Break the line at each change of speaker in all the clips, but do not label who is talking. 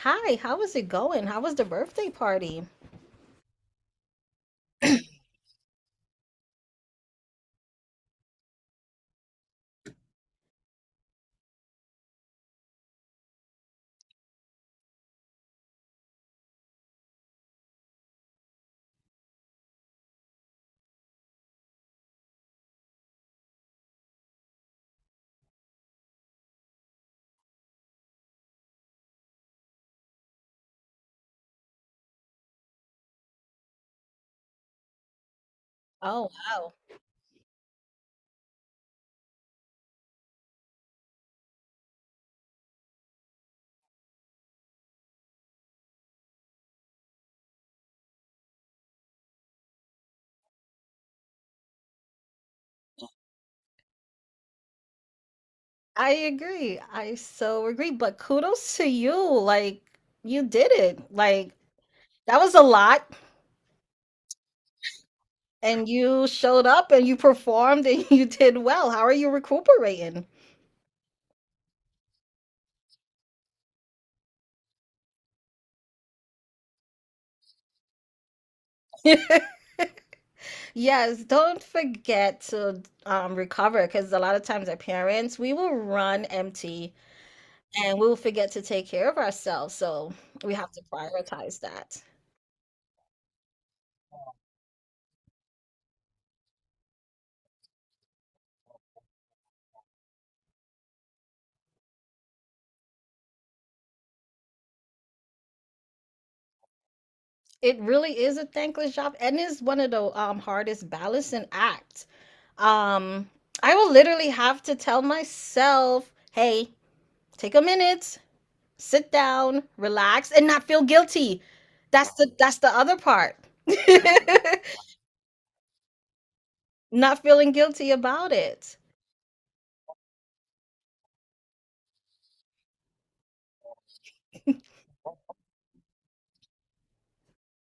Hi, how is it going? How was the birthday party? Oh, wow. I agree. I so agree. But kudos to you. Like, you did it. Like, that was a lot. And you showed up and you performed and you did well. How are you recuperating? Yes, don't forget to recover because a lot of times our parents, we will run empty, and we'll forget to take care of ourselves. So we have to prioritize that. It really is a thankless job and is one of the hardest balancing act. Um, I will literally have to tell myself, hey, take a minute, sit down, relax, and not feel guilty. That's the other part. Not feeling guilty about it.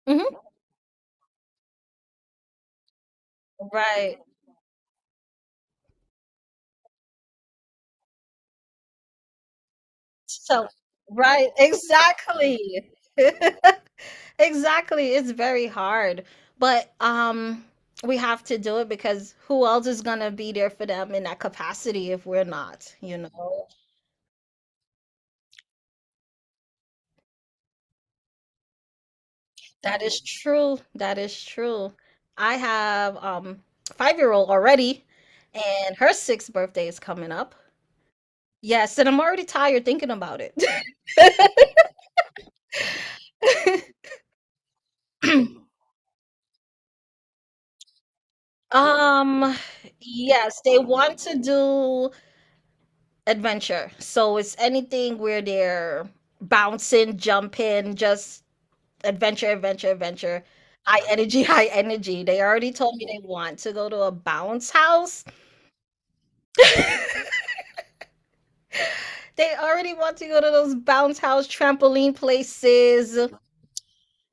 Mhm. Right. So, right, exactly. Exactly. It's very hard. But we have to do it because who else is going to be there for them in that capacity if we're not, you know? That is true. That is true. I have 5-year-old already, and her 6th birthday is coming up. Yes, and I'm already tired thinking about it. Um, yes, they want to do adventure. So it's anything where they're bouncing, jumping, just adventure, adventure, adventure, high energy, high energy. They already told me they want to go to a bounce house. They already want to go to those bounce house trampoline places.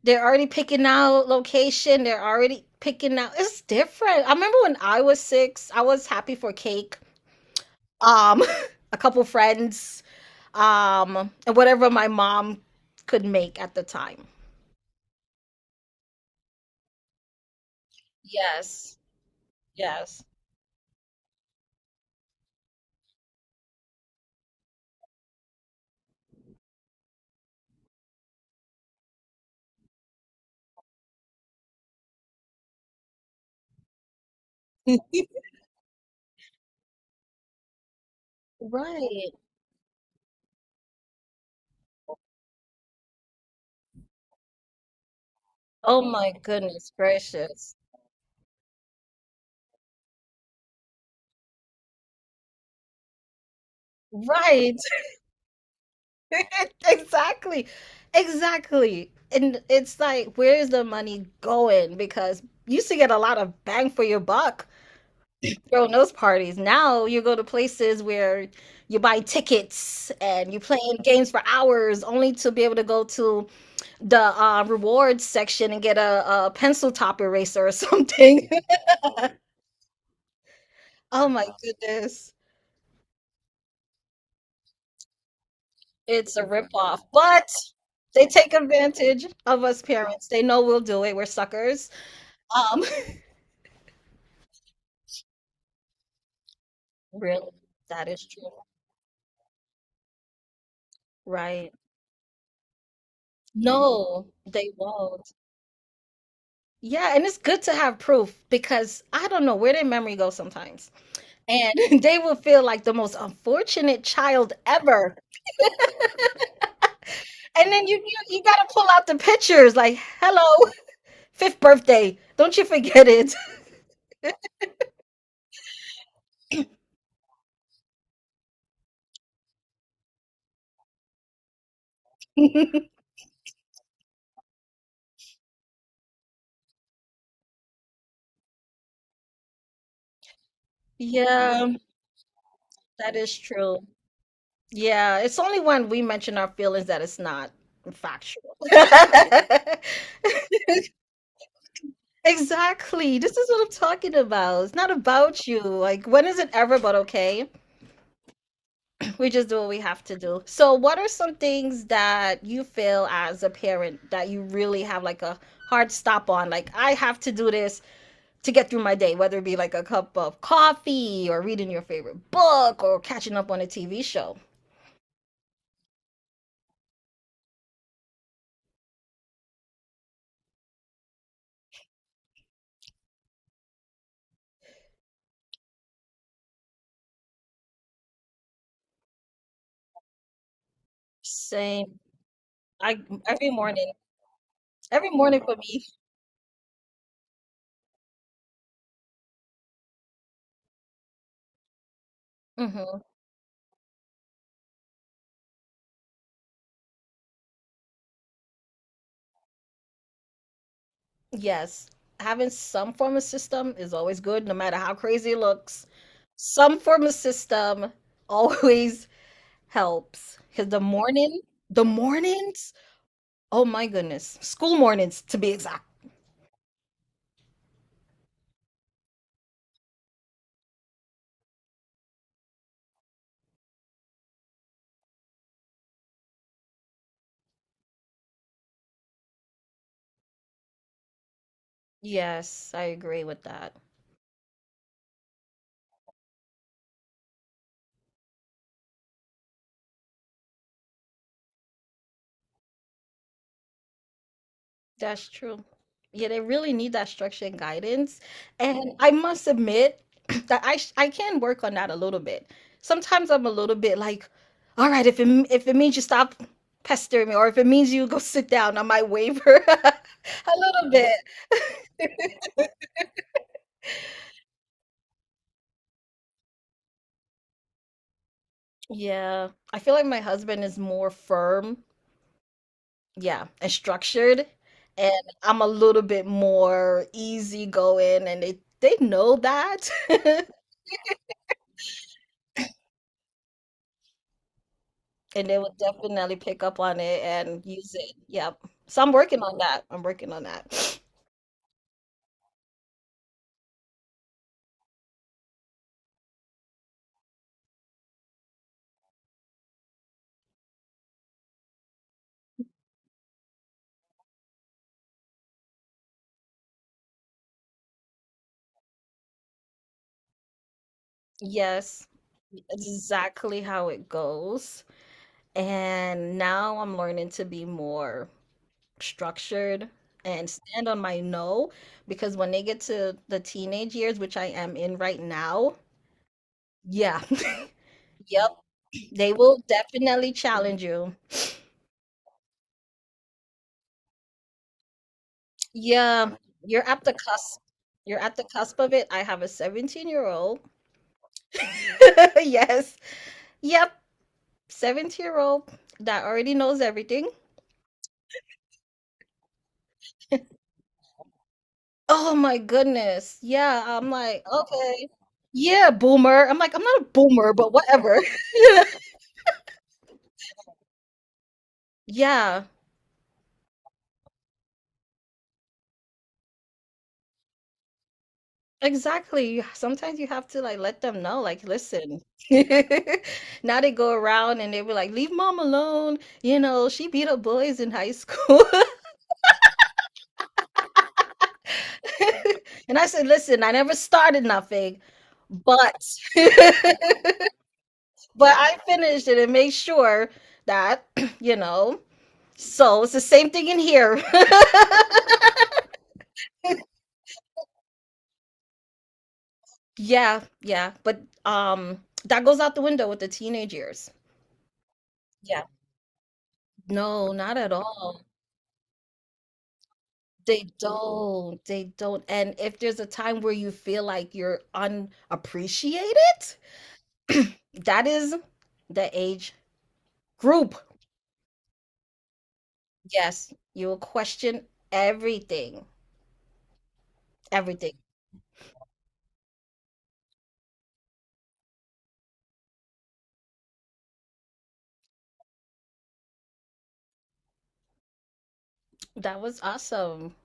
They're already picking out location. They're already picking out. It's different. I remember when I was six, I was happy for cake. Um, a couple friends, and whatever my mom could make at the time. Yes. Yes. Right. Oh my goodness gracious. Right. Exactly. Exactly. And it's like, where's the money going? Because you used to get a lot of bang for your buck throwing those parties. Now you go to places where you buy tickets and you're playing games for hours only to be able to go to the rewards section and get a pencil top eraser or something. Oh my goodness. It's a ripoff. But they take advantage of us parents. They know we'll do it. We're suckers. Um, really, that is true. Right. No, they won't. Yeah, and it's good to have proof because I don't know where their memory goes sometimes. And they will feel like the most unfortunate child ever. And then you gotta pull out the pictures like, hello, fifth birthday. Don't you forget it. Yeah, that is true. Yeah, it's only when we mention our feelings that it's not factual. Exactly. This is what I'm talking about. It's not about you. Like, when is it ever but okay? We just do what we have to do. So, what are some things that you feel as a parent that you really have like a hard stop on? Like, I have to do this to get through my day, whether it be like a cup of coffee or reading your favorite book or catching up on a TV show. Same. I every morning. Every morning for me. Mm-hmm. Yes, having some form of system is always good, no matter how crazy it looks. Some form of system always helps. Because the morning, the mornings, oh my goodness, school mornings to be exact. Yes, I agree with that. That's true. Yeah, they really need that structure and guidance. And I must admit that I can work on that a little bit. Sometimes I'm a little bit like, all right, if it means you stop pestering me, or if it means you go sit down, I might waver a little bit. Yeah, I feel like my husband is more firm, yeah, and structured, and I'm a little bit more easygoing, and they know that. And they would definitely pick up on it and use it. Yep. So I'm working on that. I'm working on that. Yes, exactly how it goes. And now I'm learning to be more structured and stand on my no, because when they get to the teenage years, which I am in right now, yeah, yep, they will definitely challenge you. Yeah, you're at the cusp. You're at the cusp of it. I have a 17-year-old year old. Yes. Yep. 70-year-old year old that already knows everything. Oh my goodness. Yeah, I'm like, okay. Yeah, boomer. I'm like, I'm not a boomer, but whatever. Yeah, exactly. You- Sometimes you have to like let them know, like, listen. Now they go around and they be like, leave mom alone. You know, she beat up boys in high school. And I said, listen, I never started nothing, but but I finished it and made sure that, you know. So it's the same thing in here. Yeah, yeah. But that goes out the window with the teenage years. Yeah. No, not at all. They don't. They don't. And if there's a time where you feel like you're unappreciated, that is the age group. Yes, you will question everything. Everything. That was awesome.